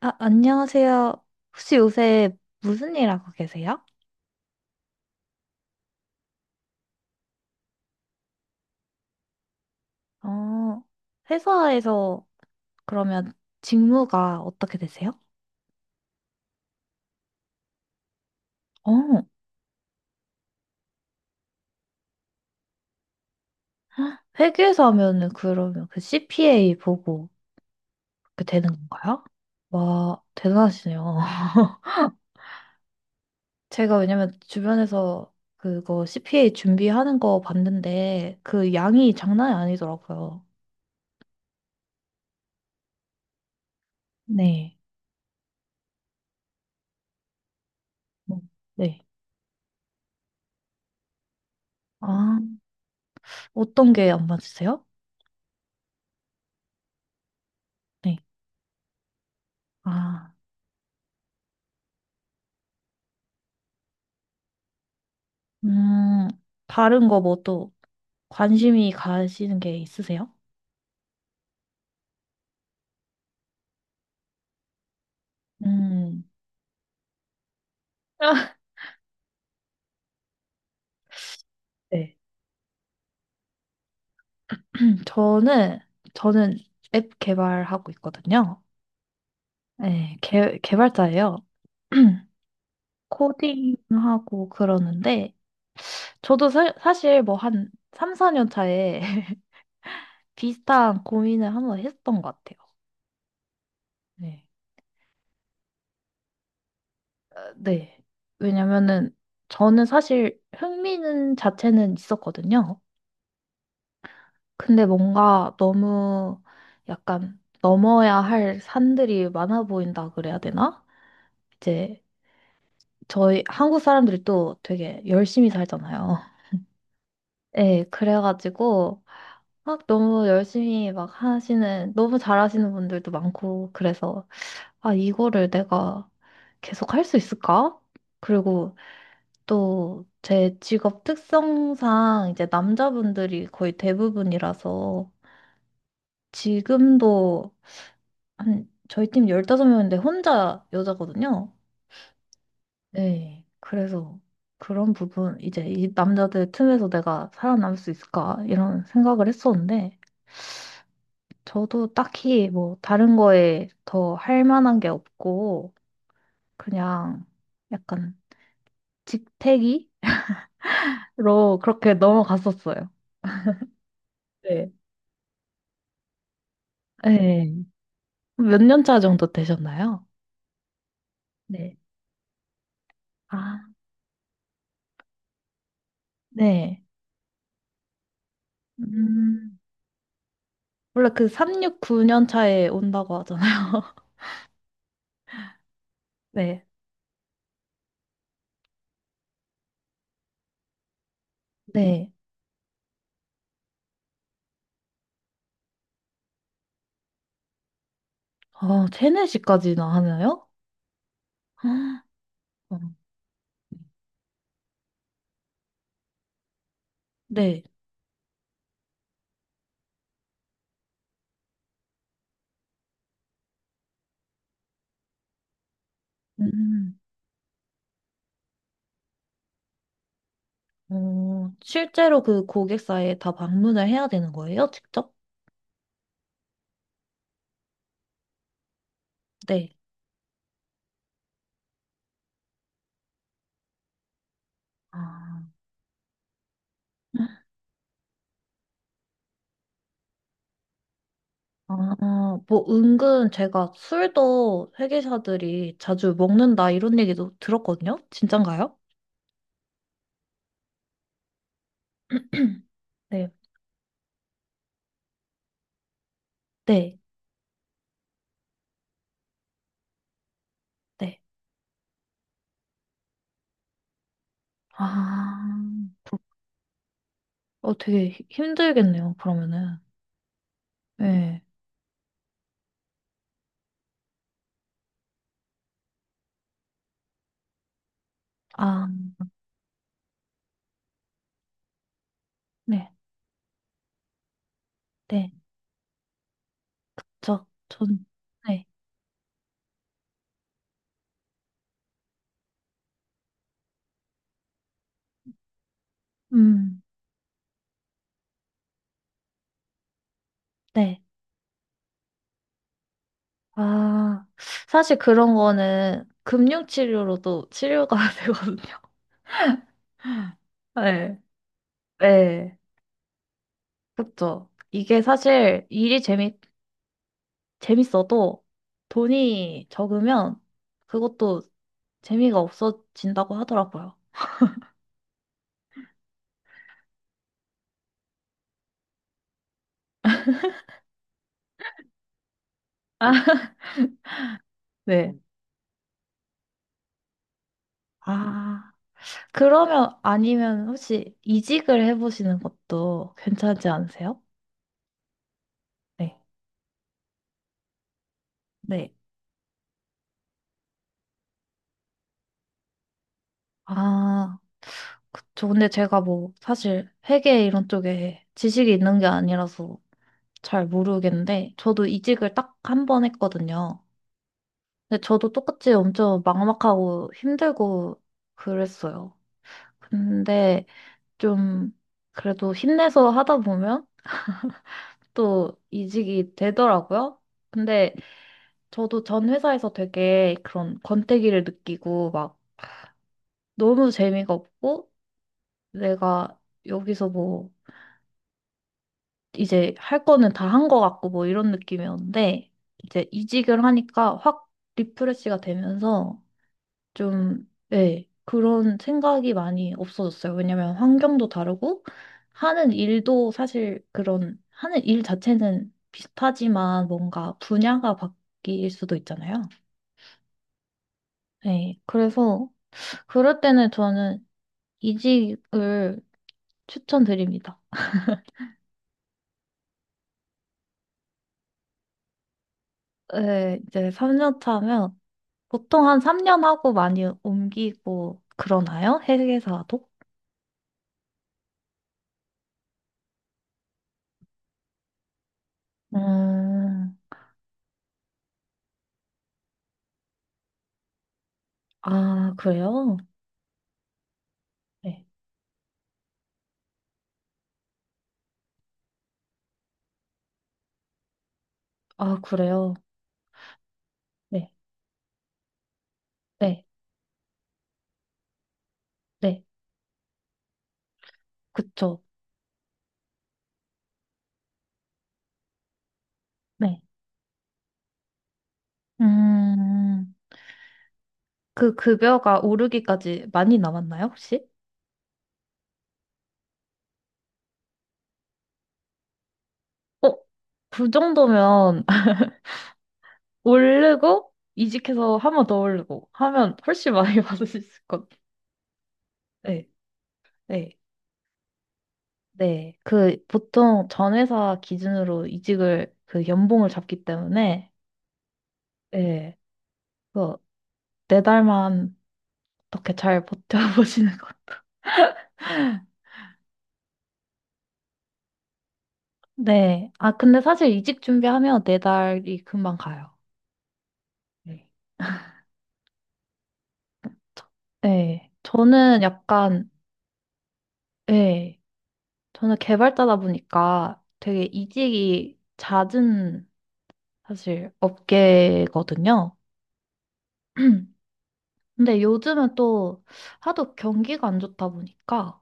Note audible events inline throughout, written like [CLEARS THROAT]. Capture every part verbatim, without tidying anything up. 아, 안녕하세요. 혹시 요새 무슨 일 하고 계세요? 어, 회사에서 그러면 직무가 어떻게 되세요? 어, 회계사 하면은 그러면 그 씨피에이 보고 그렇게 되는 건가요? 와, 대단하시네요. [LAUGHS] 제가 왜냐면 주변에서 그거 씨피에이 준비하는 거 봤는데 그 양이 장난이 아니더라고요. 네. 네. 아, 어떤 게 안 맞으세요? 네. 아. 음, 다른 거 뭐 또 관심이 가시는 게 있으세요? 음, 네. [CLEARS THROAT] 저는, 저는 앱 개발하고 있거든요. 네, 개, 개발자예요. [CLEARS THROAT] 코딩하고 그러는데, 저도 사, 사실 뭐 한 삼, 사 년 차에 [LAUGHS] 비슷한 고민을 한번 했던 것 같아요. 네. 어, 네. 왜냐면은 저는 사실 흥미는 자체는 있었거든요. 근데 뭔가 너무 약간 넘어야 할 산들이 많아 보인다 그래야 되나? 이제 저희 한국 사람들이 또 되게 열심히 살잖아요. 예, 그래가지고 막 너무 열심히 막 하시는, 너무 잘하시는 분들도 많고, 그래서 아, 이거를 내가 계속 할 수 있을까? 그리고 또 제 직업 특성상 이제 남자분들이 거의 대부분이라서 지금도 한 저희 팀 열다섯 명인데 혼자 여자거든요. 네. 그래서 그런 부분 이제 이 남자들 틈에서 내가 살아남을 수 있을까 이런 생각을 했었는데 저도 딱히 뭐 다른 거에 더 할 만한 게 없고 그냥 약간 직태기로 그렇게 넘어갔었어요. 네. 네. 몇 년 차 정도 되셨나요? 네. 아, 네. 음. 원래 그 삼육구 년 차에 온다고 하잖아요. [LAUGHS] 네. 네. 아, 체내시까지나 하나요? 아, 어, 네. 음. 음. 어, 실제로 그 고객사에 다 방문을 해야 되는 거예요? 직접? 네. 아, 아, 뭐, 은근 제가 술도 회계사들이 자주 먹는다 이런 얘기도 들었거든요? 진짠가요? [CLEARS THROAT] 네. 네. 네. 아, 어, 되게 히- 힘들겠네요, 그러면은. 네. 아, 네. 네. 저, 전, 네. 음, 네. 아, 사실 그런 거는 금융치료로도 치료가 [LAUGHS] 되거든요. 네. 네. 그쵸. 이게 사실 일이 재미, 재밌어도 돈이 적으면 그것도 재미가 없어진다고 하더라고요. 아, 네. 아, 그러면 아니면 혹시 이직을 해보시는 것도 괜찮지 않으세요? 네. 네. 아, 그쵸. 근데 제가 뭐 사실 회계 이런 쪽에 지식이 있는 게 아니라서 잘 모르겠는데 저도 이직을 딱 한 번 했거든요. 근데 저도 똑같이 엄청 막막하고 힘들고 그랬어요. 근데 좀 그래도 힘내서 하다 보면 또 이직이 되더라고요. 근데 저도 전 회사에서 되게 그런 권태기를 느끼고 막 너무 재미가 없고 내가 여기서 뭐 이제 할 거는 다 한 거 같고 뭐 이런 느낌이었는데 이제 이직을 하니까 확 리프레시가 되면서 좀, 예, 그런 생각이 많이 없어졌어요. 왜냐면 환경도 다르고 하는 일도 사실 그런 하는 일 자체는 비슷하지만 뭔가 분야가 바뀔 수도 있잖아요. 네, 그래서 그럴 때는 저는 이직을 추천드립니다. 네, 이제 삼 년 차면 보통 한 삼 년 하고 많이 옮기고 그러나요? 회계사도? 음, 아, 그래요? 네. 아, 그래요? 네. 네. 네. 그쵸. 네. 음, 그 급여가 오르기까지 많이 남았나요, 혹시? 어, 그 정도면 [LAUGHS] 오르고 이직해서 한 번 더 오르고 하면 훨씬 많이 [LAUGHS] 받을 수 있을 것 같아요. 네. 네. 네. 그 보통 전 회사 기준으로 이직을 그 연봉을 잡기 때문에 네. 그래서 네 달만 어떻게 잘 버텨보시는 것도. 네. 아, 근데 사실 이직 준비하면 네 달이 금방 가요. 네. 저- 네. 저는 약간, 네. 저는 개발자다 보니까 되게 이직이 잦은 사실 업계거든요. [CLEARS THROAT] 근데 요즘은 또 하도 경기가 안 좋다 보니까,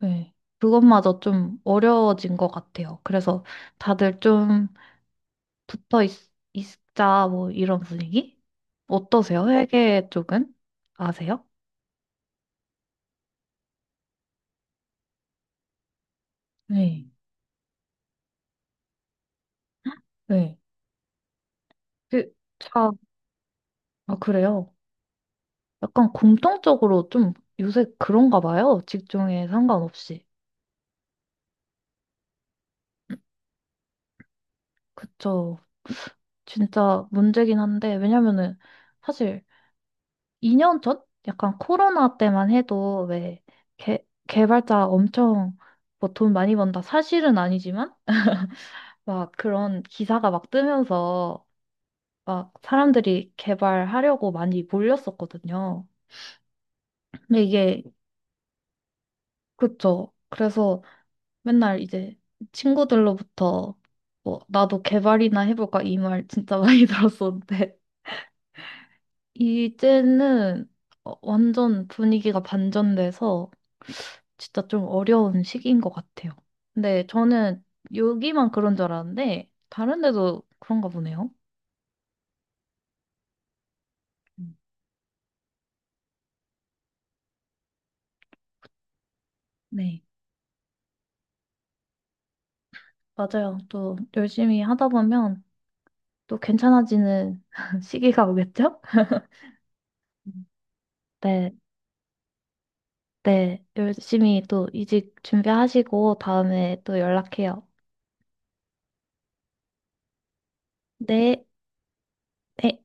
네. 그것마저 좀 어려워진 것 같아요. 그래서 다들 좀 붙어 있, 있자 뭐 이런 분위기? 어떠세요? 회계 쪽은? 아세요? 네, 네. 그, 자, 아, 그래요. 약간 공통적으로 좀 요새 그런가 봐요. 직종에 상관없이. 그쵸. 진짜 문제긴 한데, 왜냐면은 사실 이 년 전? 약간 코로나 때만 해도 왜 개, 개발자 엄청 뭐 돈 많이 번다 사실은 아니지만 막 그런 기사가 막 뜨면서 막 사람들이 개발하려고 많이 몰렸었거든요. 근데 이게, 그쵸. 그래서 맨날 이제 친구들로부터 뭐, 나도 개발이나 해볼까 이 말 진짜 많이 [LAUGHS] 들었었는데, 이제는 어, 완전 분위기가 반전돼서 진짜 좀 어려운 시기인 것 같아요. 근데 저는 여기만 그런 줄 알았는데, 다른 데도 그런가 보네요. 음. 네. 맞아요. 또 열심히 하다 보면 또 괜찮아지는 [LAUGHS] 시기가 오겠죠? 음. 네, 네. 열심히 또 이직 준비하시고 다음에 또 연락해요. 네. 네.